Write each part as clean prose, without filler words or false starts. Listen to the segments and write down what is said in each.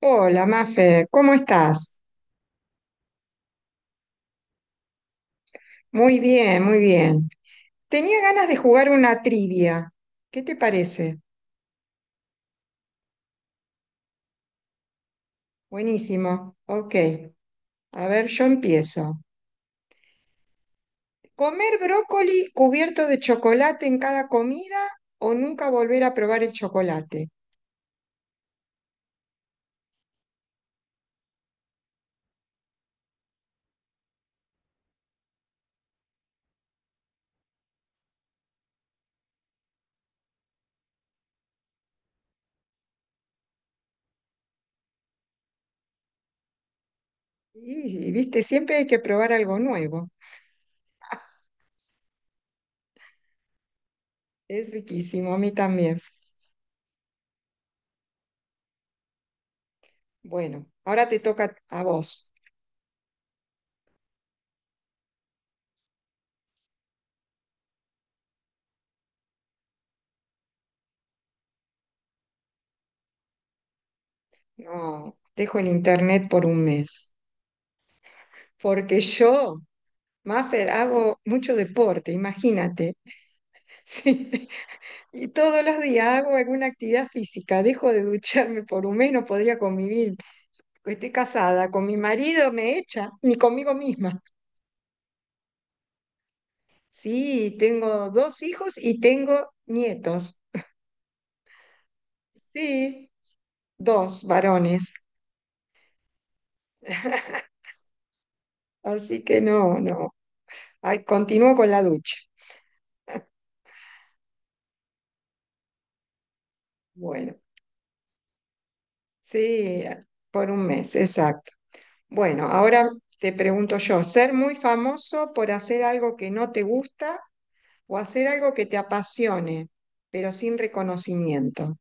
Hola, Mafe, ¿cómo estás? Muy bien, muy bien. Tenía ganas de jugar una trivia. ¿Qué te parece? Buenísimo. Ok. A ver, yo empiezo. ¿Comer brócoli cubierto de chocolate en cada comida o nunca volver a probar el chocolate? Y, viste, siempre hay que probar algo nuevo. Es riquísimo, a mí también. Bueno, ahora te toca a vos. No, dejo el internet por un mes. Porque yo Mafer, hago mucho deporte, imagínate. Sí. Y todos los días hago alguna actividad física. Dejo de ducharme por un mes, no podría convivir. Estoy casada, con mi marido me echa, ni conmigo misma. Sí, tengo dos hijos y tengo nietos. Sí, dos varones. Así que no, no. Ay, continúo con la ducha. Bueno, sí, por un mes, exacto. Bueno, ahora te pregunto yo, ¿ser muy famoso por hacer algo que no te gusta o hacer algo que te apasione, pero sin reconocimiento?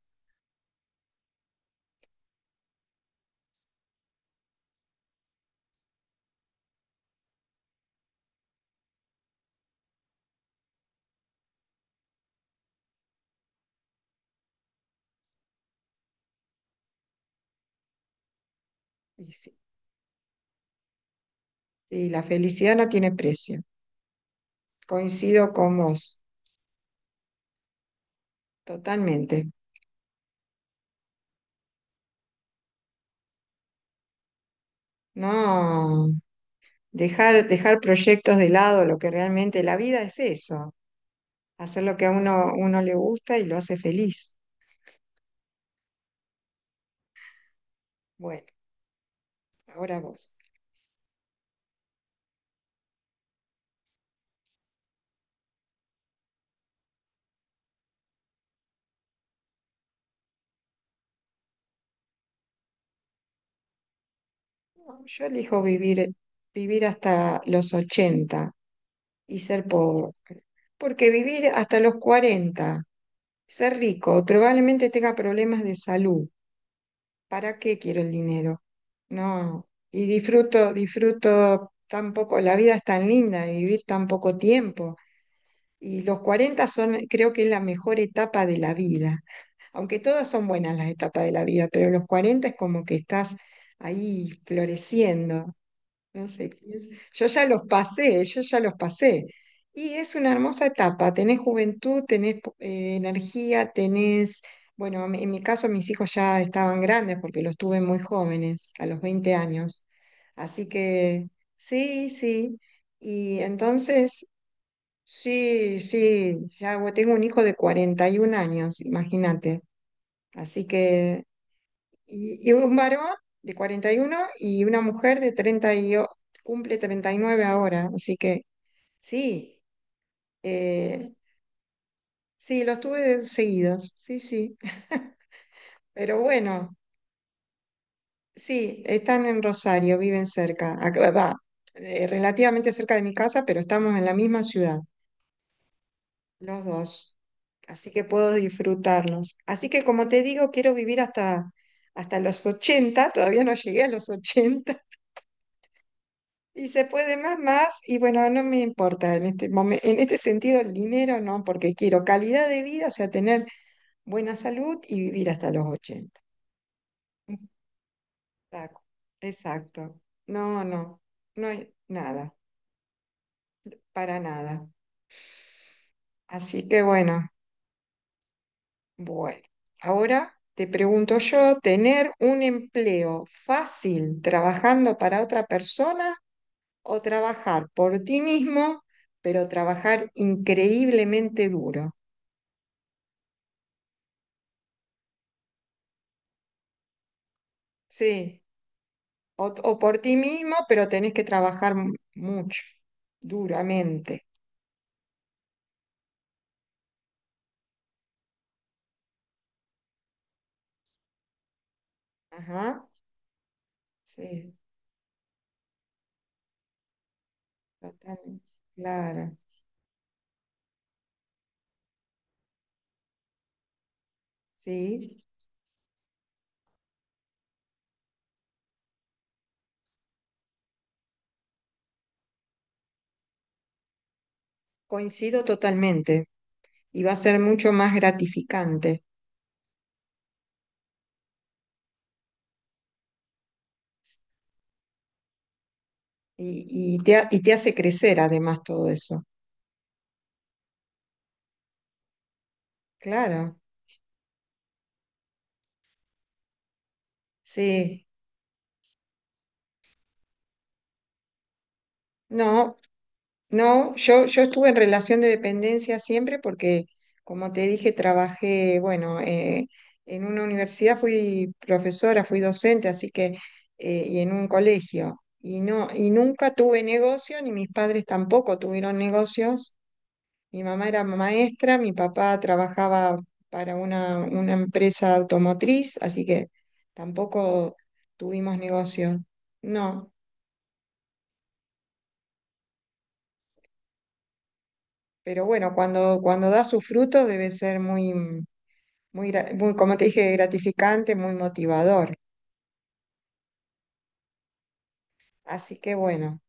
Y sí, y la felicidad no tiene precio. Coincido con vos, totalmente. No, dejar proyectos de lado, lo que realmente la vida es eso, hacer lo que a uno le gusta y lo hace feliz. Bueno, ahora vos. No, yo elijo vivir hasta los ochenta y ser pobre. Porque vivir hasta los 40 ser rico, probablemente tenga problemas de salud. ¿Para qué quiero el dinero? No, y disfruto tan poco, la vida es tan linda, y vivir tan poco tiempo. Y los cuarenta son, creo que es la mejor etapa de la vida. Aunque todas son buenas las etapas de la vida, pero los 40 es como que estás ahí floreciendo. No sé qué es. Yo ya los pasé. Y es una hermosa etapa. Tenés juventud, tenés energía, tenés, bueno, en mi caso mis hijos ya estaban grandes porque los tuve muy jóvenes, a los 20 años. Así que sí, sí. Y entonces, sí, sí, ya bueno, tengo un hijo de 41 años, imagínate. Así que y un varón de cuarenta y uno y una mujer de 30 y, cumple 39 ahora. Así que sí, eh, sí, los tuve seguidos, sí, sí. Pero bueno, sí, están en Rosario, viven cerca. Va, relativamente cerca de mi casa, pero estamos en la misma ciudad, los dos. Así que puedo disfrutarlos. Así que como te digo, quiero vivir hasta los ochenta, todavía no llegué a los ochenta. Y se puede más, más, y bueno, no me importa en este momento, en este sentido el dinero no, porque quiero calidad de vida, o sea, tener buena salud y vivir hasta los ochenta. Exacto, exacto. No, no, no hay nada, para nada. Así que bueno, bueno. Ahora te pregunto yo, ¿tener un empleo fácil trabajando para otra persona o trabajar por ti mismo, pero trabajar increíblemente duro? Sí. O por ti mismo, pero tenés que trabajar mucho, duramente. Ajá, sí, total, claro, sí, coincido totalmente. Y va a ser mucho más gratificante. Y te, y te hace crecer además todo eso. Claro, sí. No, no, yo estuve en relación de dependencia siempre porque, como te dije, trabajé, bueno, en una universidad fui profesora, fui docente, así que, y en un colegio. Y no, y nunca tuve negocio, ni mis padres tampoco tuvieron negocios. Mi mamá era maestra, mi papá trabajaba para una empresa automotriz, así que tampoco tuvimos negocio. No, pero bueno, cuando da sus frutos debe ser muy, como te dije, gratificante, muy motivador. Así que bueno,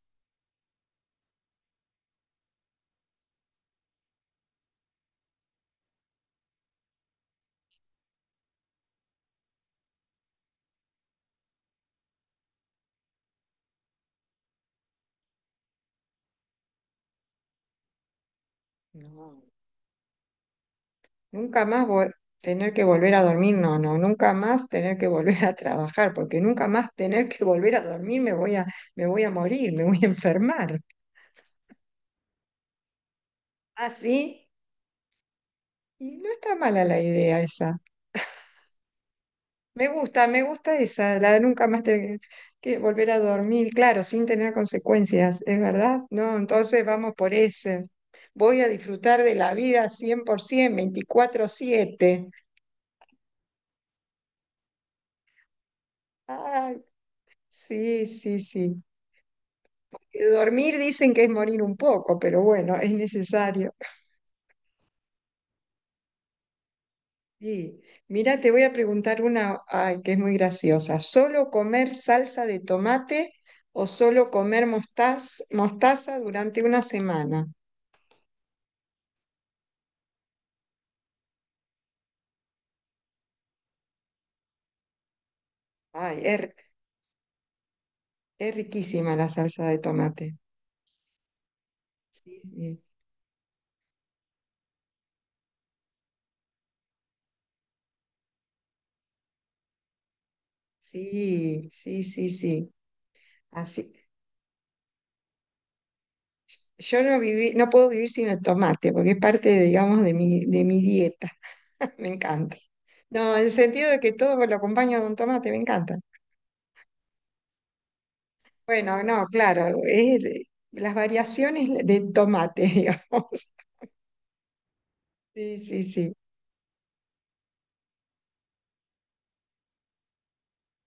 no, nunca más vol- tener que volver a dormir, no, no, nunca más tener que volver a trabajar, porque nunca más tener que volver a dormir me me voy a morir, me voy a enfermar. Así, y no está mala la idea esa. Me gusta esa, la de nunca más tener que volver a dormir, claro, sin tener consecuencias, ¿es verdad? No, entonces vamos por ese. Voy a disfrutar de la vida 100%, veinticuatro siete. Ay, sí, sí, sí. Dormir dicen que es morir un poco, pero bueno, es necesario. Sí. Mira, te voy a preguntar una, ay, que es muy graciosa. ¿Solo comer salsa de tomate o solo comer mostaza durante una semana? Ay, es riquísima la salsa de tomate. Sí, sí, sí, sí, sí, sí. Así. Yo no viví, no puedo vivir sin el tomate, porque es parte, digamos, de de mi dieta. Me encanta. No, en el sentido de que todo lo acompaño con tomate, me encanta. Bueno, no, claro, las variaciones de tomate, digamos. Sí, sí, sí,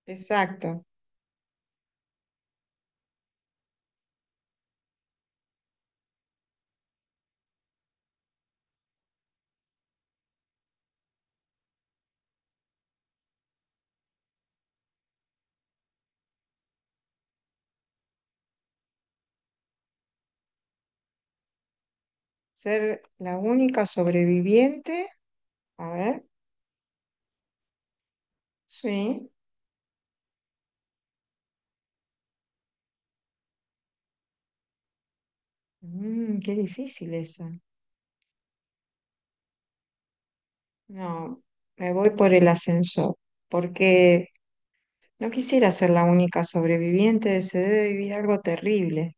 exacto. Ser la única sobreviviente. A ver, sí. Mm, qué difícil esa. No, me voy por el ascensor, porque no quisiera ser la única sobreviviente, se debe vivir algo terrible.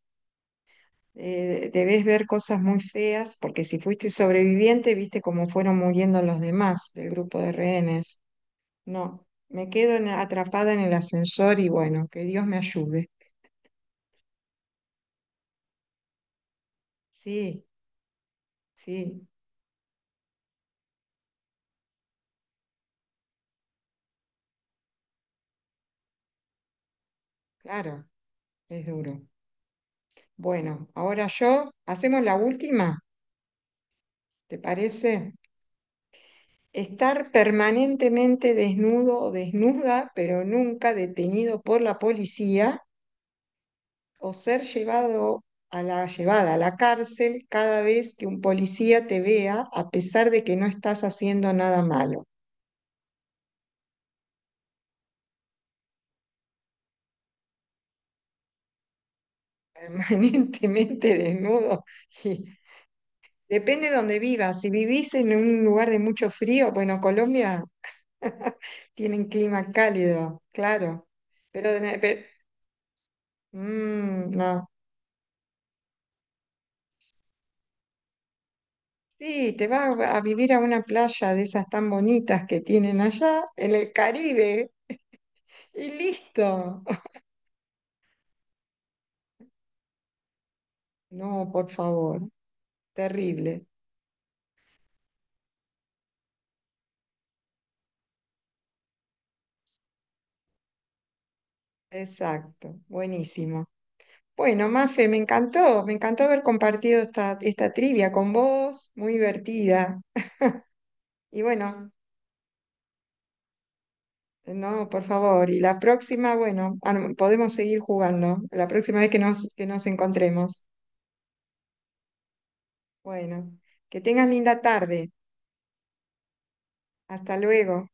Debes ver cosas muy feas, porque si fuiste sobreviviente, viste cómo fueron muriendo los demás del grupo de rehenes. No, me quedo atrapada en el ascensor y bueno, que Dios me ayude. Sí, sí, claro, es duro. Bueno, ahora yo, hacemos la última, ¿te parece? Estar permanentemente desnudo o desnuda, pero nunca detenido por la policía, o ser llevado a llevada a la cárcel cada vez que un policía te vea, a pesar de que no estás haciendo nada malo. Permanentemente desnudo. Y depende de donde vivas. Si vivís en un lugar de mucho frío, bueno, Colombia tiene un clima cálido, claro. Pero, de- pero- mm, no. Sí, te vas a vivir a una playa de esas tan bonitas que tienen allá, en el Caribe, y listo. No, por favor, terrible. Exacto, buenísimo. Bueno, Mafe, me encantó haber compartido esta trivia con vos, muy divertida. Y bueno, no, por favor, y la próxima, bueno, ah, no, podemos seguir jugando, la próxima vez que que nos encontremos. Bueno, que tengas linda tarde. Hasta luego.